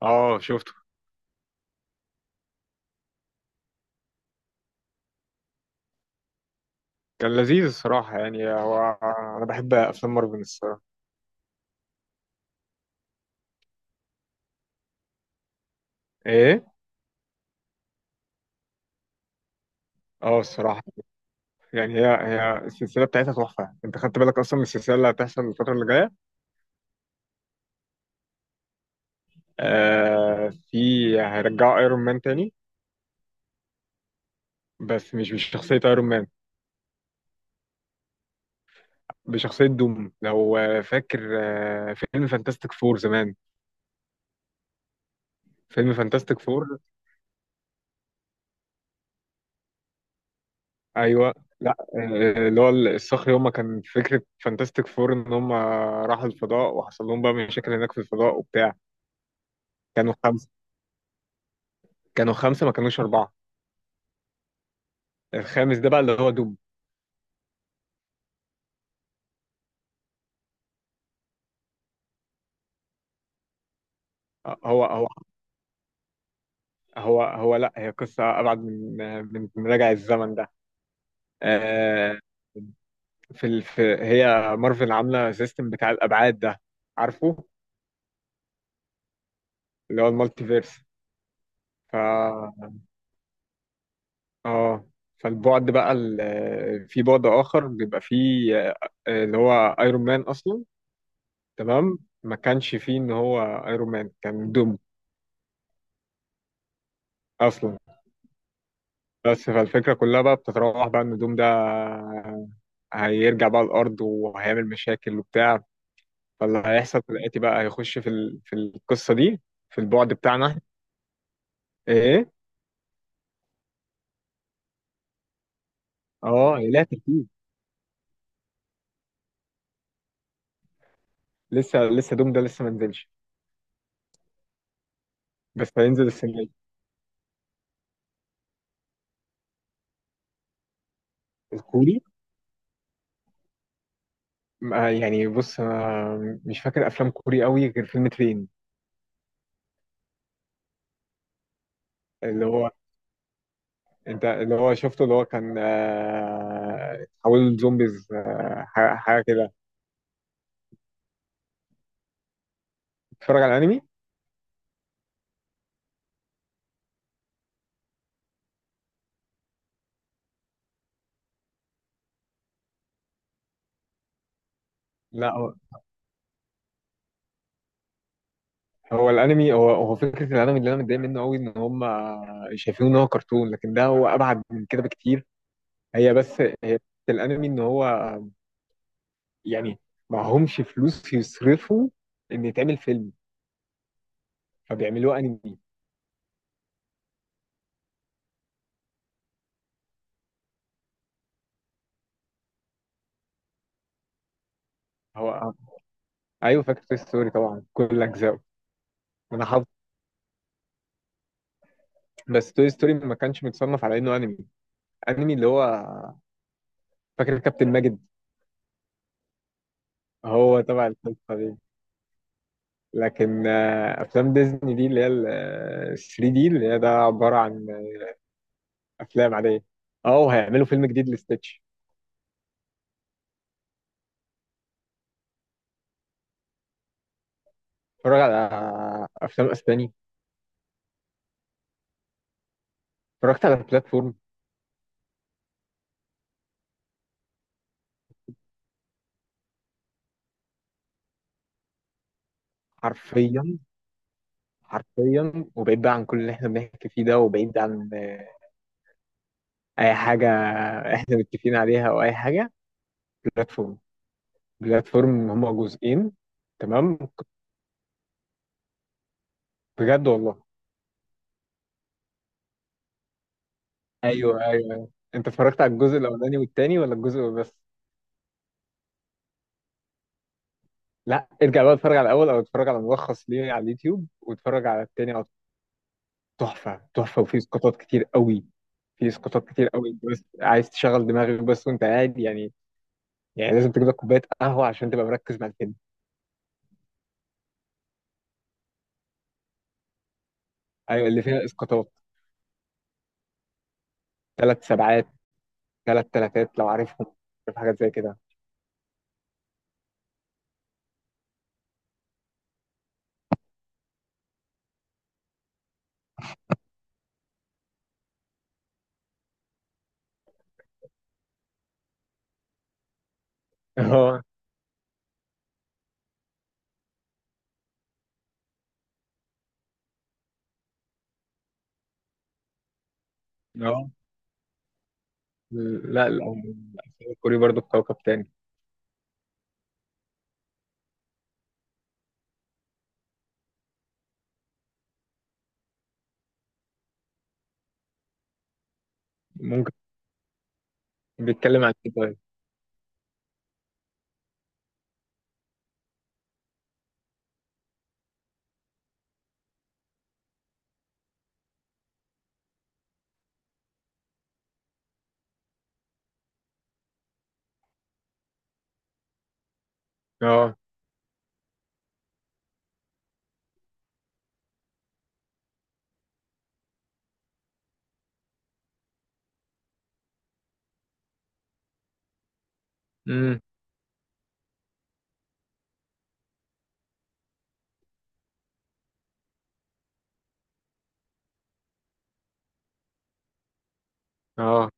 اه، شفته. كان لذيذ الصراحة، يعني أنا بحب أفلام مارفل الصراحة. إيه؟ اه الصراحة. يعني هي السلسلة بتاعتها تحفة. أنت خدت بالك أصلا من السلسلة اللي هتحصل الفترة اللي جاية؟ في، هيرجعوا أيرون مان تاني. بس مش بشخصية أيرون مان، بشخصية دوم. لو فاكر فيلم فانتاستيك فور زمان. فيلم فانتاستيك فور. أيوه. لا اللي هو الصخر. يوم ما كان فكرة فانتاستيك فور إن هم راحوا الفضاء وحصل لهم بقى مشاكل هناك في الفضاء وبتاع. كانوا خمسة كانوا خمسة، ما كانوش أربعة. الخامس ده بقى اللي هو دوب. هو، هو لا، هي قصة أبعد من من راجع الزمن ده. آه، في، هي مارفل عاملة سيستم بتاع الأبعاد ده، عارفه. اللي هو المالتي فيرس. ف اه فالبعد بقى، في بعد آخر بيبقى فيه اللي هو ايرون مان أصلا. تمام، ما كانش فيه إن هو ايرون مان كان دوم أصلا. بس فالفكرة كلها بقى بتتراوح بقى إن دوم ده هيرجع بقى الارض وهيعمل مشاكل وبتاع. فاللي هيحصل دلوقتي بقى هيخش في القصه دي، في البعد بتاعنا. ايه. اه، لا ترتيب. لسه دوم ده لسه ما نزلش. بس هينزل السنه دي. الكوري. يعني بص، انا مش فاكر افلام كوري قوي غير فيلم ترين. اللي هو انت اللي هو شفته، اللي هو كان حول زومبيز حاجه كده. بتتفرج على انمي؟ لا، هو الانمي هو فكره الانمي اللي انا متضايق منه قوي ان هم شايفينه ان هو كرتون، لكن ده هو ابعد من كده بكتير. هي بس هي فكرة الانمي، ان هو، يعني، معهمش فلوس يصرفوا ان يتعمل فيلم، فبيعملوه انمي. هو ايوه، فاكر توي ستوري طبعا، كل اجزائه. انا حافظ. بس توي ستوري ما كانش متصنف على انه انمي. انمي اللي هو فاكر كابتن ماجد، هو تبع القصه دي. لكن افلام ديزني دي اللي هي ال 3 دي، اللي هي ده عباره عن افلام عاديه. اه، وهيعملوا فيلم جديد لستitch. اتفرج على افلام اسباني. اتفرجت على البلاتفورم. حرفيا، حرفيا، وبعيد بقى عن كل اللي احنا بنحكي فيه ده، وبعيد عن اي حاجه احنا متفقين عليها او اي حاجه. بلاتفورم. بلاتفورم هما جزئين. تمام. بجد والله. ايوه، ايوه، أيوة. انت اتفرجت على الجزء الاولاني والتاني، ولا الجزء بس؟ لا، ارجع بقى اتفرج على الاول، او اتفرج على ملخص ليه على اليوتيوب، واتفرج على التاني، او تحفه تحفه، وفيه اسقاطات كتير قوي. في اسقاطات كتير قوي، بس عايز تشغل دماغك بس وانت قاعد، يعني. يعني لازم تجيب لك كوبايه قهوه عشان تبقى مركز مع الفيلم. ايوه، اللي فيها اسقاطات. ثلاث سبعات، ثلاث ثلاثات، لو عارفهم. عارف حاجات زي كده. اه. اه. لا، لا، الأفلام الكوري برضه في كوكب تاني. ممكن. بيتكلم عن ايه طيب؟ اه. امم. اه.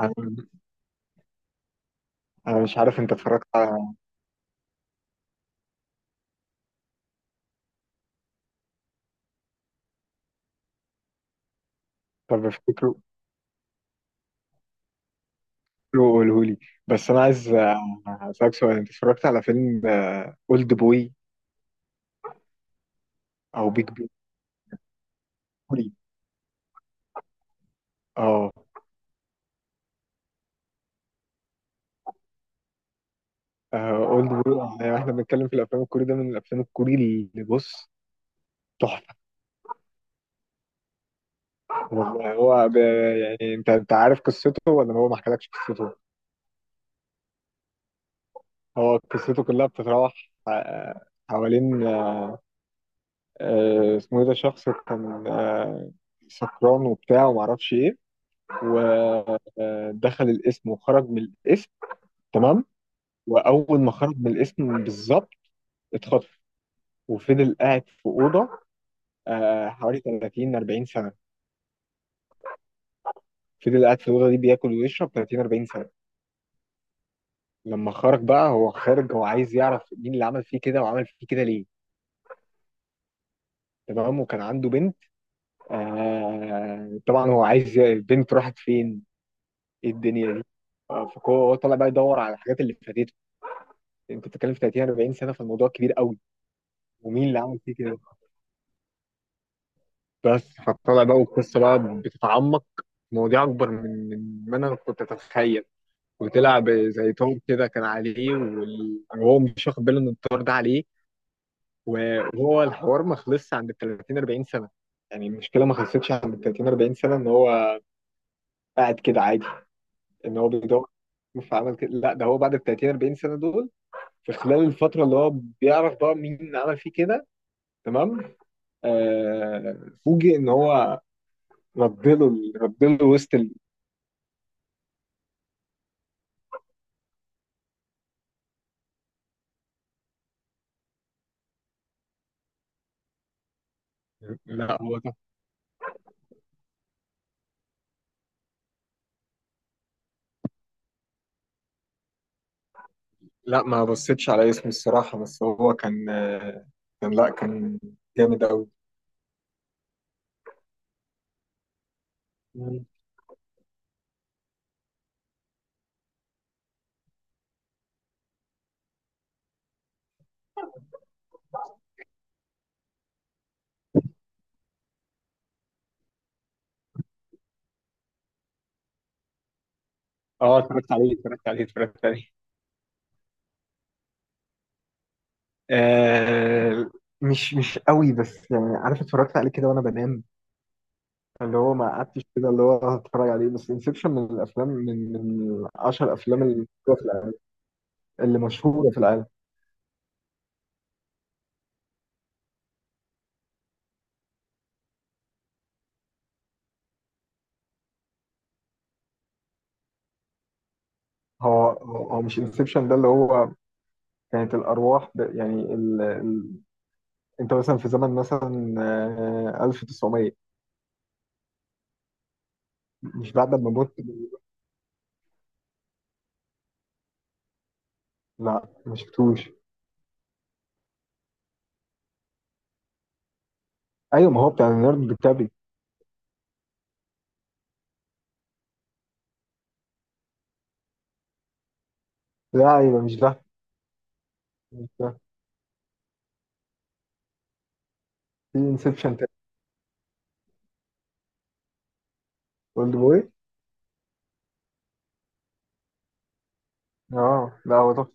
انا أنا مش عارف، انت اتفرجت على... طب افتكره، قوله لي. بس انا عايز اسالك سؤال: انت اتفرجت على فيلم اولد بوي او بيج بوي؟ اه. اولد بوي، يعني احنا بنتكلم في الافلام الكوري، ده من الافلام الكوري، اللي، بص، تحفه. والله هو يعني انت عارف قصته ولا هو ما حكالكش قصته؟ هو قصته كلها بتتراوح آه، حوالين اسمه ايه ده، شخص كان سكران وبتاع وما اعرفش ايه. ودخل الاسم وخرج من الاسم. تمام. واول ما خرج من الاسم بالظبط اتخطف، وفضل قاعد في اوضه حوالي 30 40 سنه. فضل قاعد في الأوضة دي بياكل ويشرب 30 40 سنة. لما خرج بقى هو خارج هو عايز يعرف مين اللي عمل فيه كده وعمل فيه كده ليه. تمام، وكان عنده بنت. آه، طبعا هو عايز البنت راحت فين؟ ايه الدنيا دي؟ فهو طالع بقى يدور على الحاجات اللي فاتته. انت بتتكلم في 30 40 سنة، فالموضوع كبير قوي. ومين اللي عمل فيه كده. بس فطلع بقى، والقصة بقى بتتعمق في مواضيع أكبر من ما أنا كنت أتخيل. وطلع زي طار كده كان عليه، وهو مش واخد باله إن الطار ده عليه. وهو الحوار ما خلصش عند ال 30 40 سنه. يعني المشكله ما خلصتش عند ال 30 40 سنه، ان هو قاعد كده عادي، ان هو بيدور فعمل كده. لا، ده هو بعد ال 30 40 سنه دول، في خلال الفتره اللي هو بيعرف بقى مين عمل فيه كده. تمام. آه، فوجئ ان هو ردله ردله وسط ال... لا هو ده. لا، ما بصيتش على اسمه الصراحه، بس هو كان كان، لا كان جامد قوي. اه، اتفرجت عليه. آه، مش قوي، بس يعني عارف، اتفرجت عليه كده وانا بنام. اللي هو ما قعدتش كده اللي هو هتفرج عليه، بس انسبشن من الافلام، من 10 افلام اللي مشهورة في العالم. اللي مشهوره في العالم. هو مش انسبشن ده اللي هو كانت الارواح، يعني انت مثلا في زمن مثلا 1900، مش بعد ما مت. لا، ما شفتوش. ايوه، ما هو بتاع ليوناردو دي كابري. لا، ايوه، مش ده. مش ده. في انسبشن تاني. اولد بوي. اه، لا هو ده.